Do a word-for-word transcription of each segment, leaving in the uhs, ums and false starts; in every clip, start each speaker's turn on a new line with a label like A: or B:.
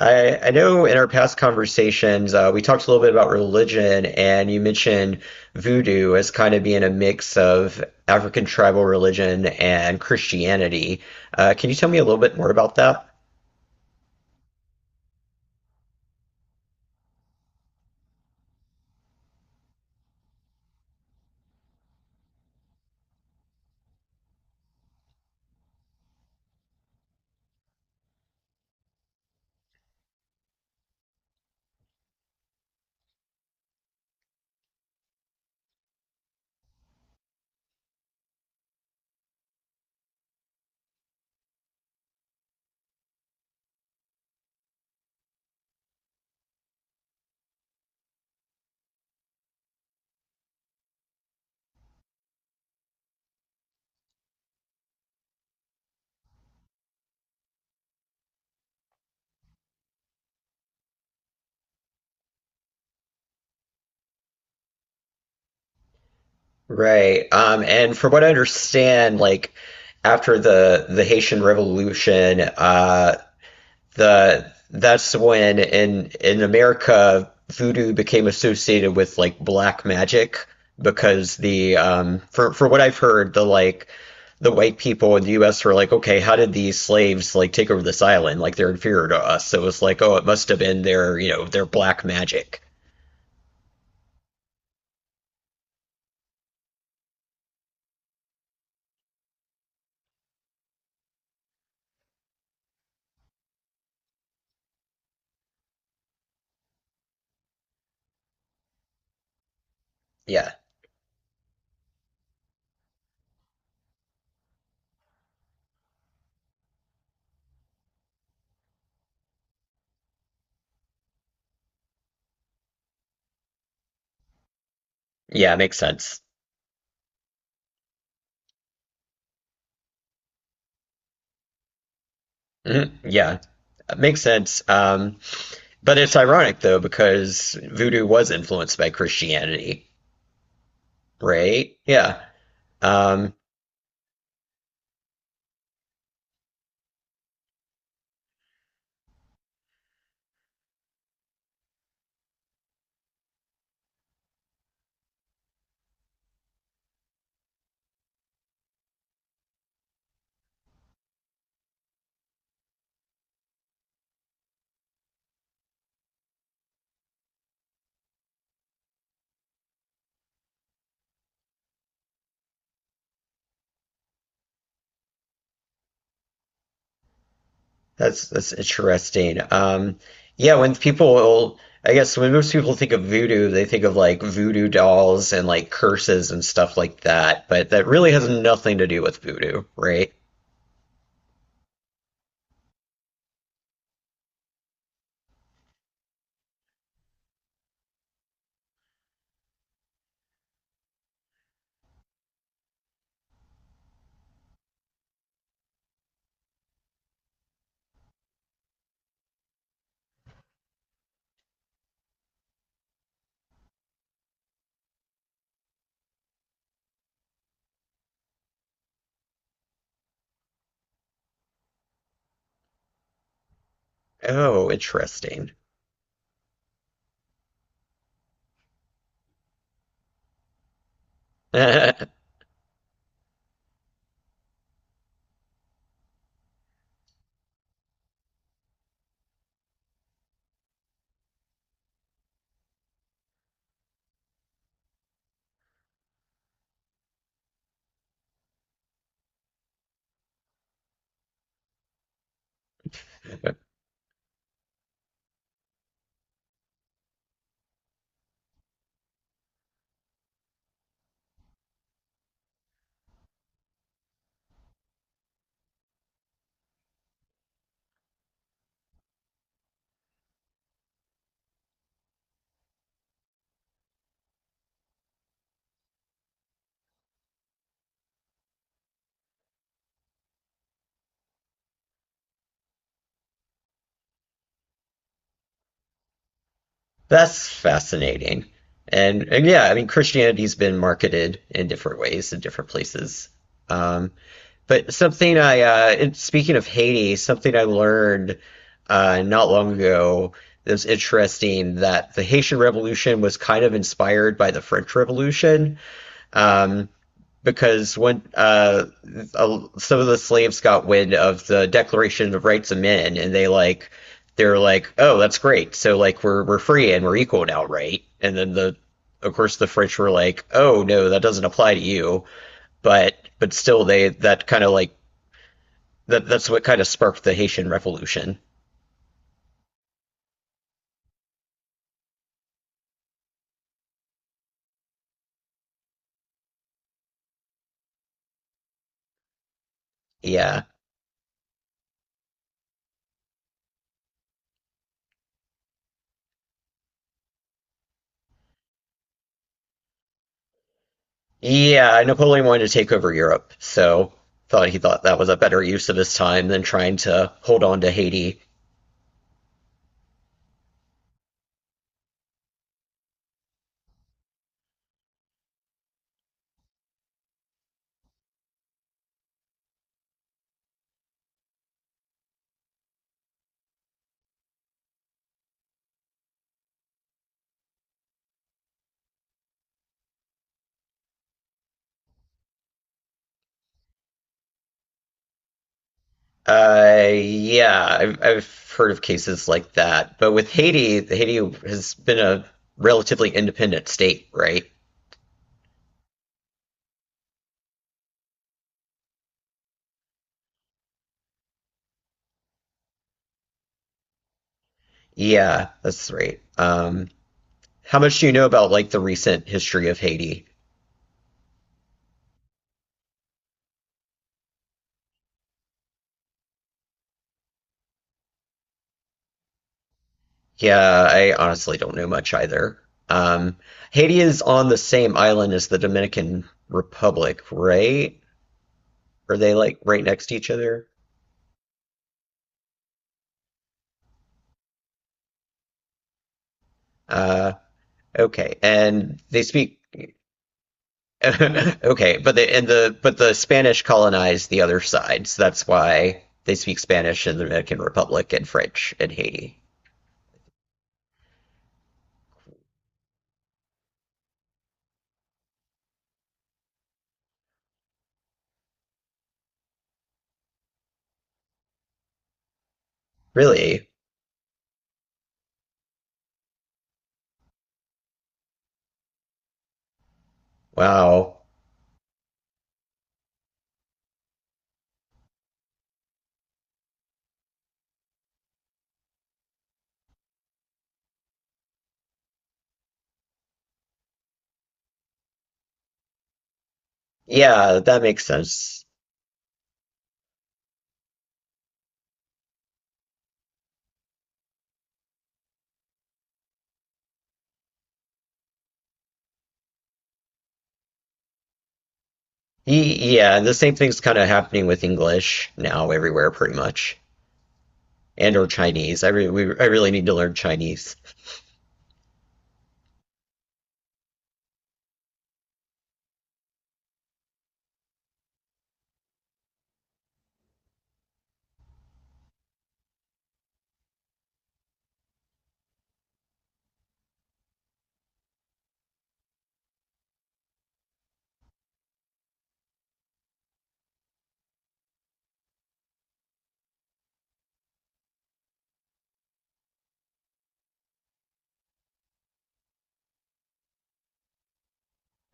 A: I, I know in our past conversations, uh, we talked a little bit about religion, and you mentioned voodoo as kind of being a mix of African tribal religion and Christianity. Uh, can you tell me a little bit more about that? Right. Um, and from what I understand, like after the the Haitian Revolution, uh, the that's when in in America voodoo became associated with like black magic because the um for for what I've heard the like the white people in the U S were like, okay, how did these slaves like take over this island? Like, they're inferior to us. So it was like, oh, it must have been their you know their black magic. Yeah. Yeah, makes sense. Mhm. Yeah, it makes sense. Um but it's ironic though because voodoo was influenced by Christianity, right? Yeah. um That's that's interesting. Um, yeah, when people, I guess when most people think of voodoo, they think of like voodoo dolls and like curses and stuff like that, but that really has nothing to do with voodoo, right? Oh, interesting. That's fascinating. And, and yeah, I mean, Christianity's been marketed in different ways in different places. Um, but something I, uh, and speaking of Haiti, something I learned uh, not long ago that was interesting, that the Haitian Revolution was kind of inspired by the French Revolution. Um, because when uh, uh, some of the slaves got wind of the Declaration of Rights of Men, and they like they're like, oh, that's great. So like we're we're free and we're equal now, right? And then the of course the French were like, oh no, that doesn't apply to you. But but still, they that kind of like that that's what kind of sparked the Haitian Revolution. Yeah. Yeah, Napoleon wanted to take over Europe, so thought he thought that was a better use of his time than trying to hold on to Haiti. Uh, yeah, I've, I've heard of cases like that. But with Haiti, Haiti has been a relatively independent state, right? Yeah, that's right. Um, how much do you know about like the recent history of Haiti? Yeah, I honestly don't know much either. Um, Haiti is on the same island as the Dominican Republic, right? Are they like right next to each other? Uh, okay. And they speak. Okay, but the and the but the Spanish colonized the other side, so that's why they speak Spanish in the Dominican Republic and French in Haiti. Really? Wow. Yeah, that makes sense. Y- Yeah, and the same thing's kind of happening with English now everywhere, pretty much, and or Chinese. I re we, I really need to learn Chinese.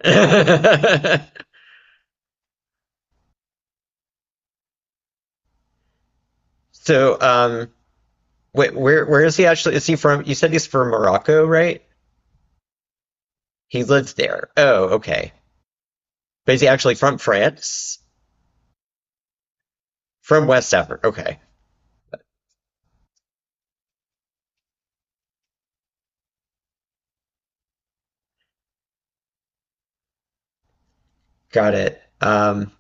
A: So, um, wait, where where is he actually? Is he from? You said he's from Morocco, right? He lives there. Oh, okay. But is he actually from France? From West Africa. Okay, got it. Um,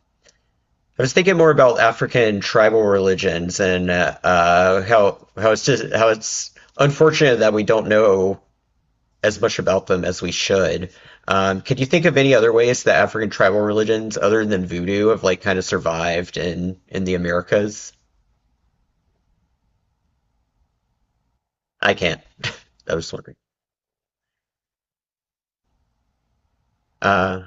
A: I was thinking more about African tribal religions and uh, uh, how how it's just how it's unfortunate that we don't know as much about them as we should. Um, could you think of any other ways that African tribal religions, other than voodoo, have like kind of survived in in the Americas? I can't. I was wondering. Uh,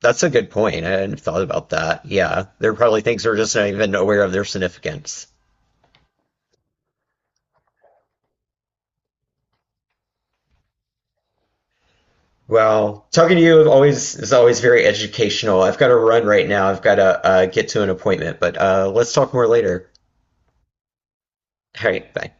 A: that's a good point. I hadn't thought about that. Yeah, there are probably things we're just not even aware of their significance. Well, talking to you always is always very educational. I've got to run right now. I've got to uh, get to an appointment, but uh, let's talk more later. All right, bye.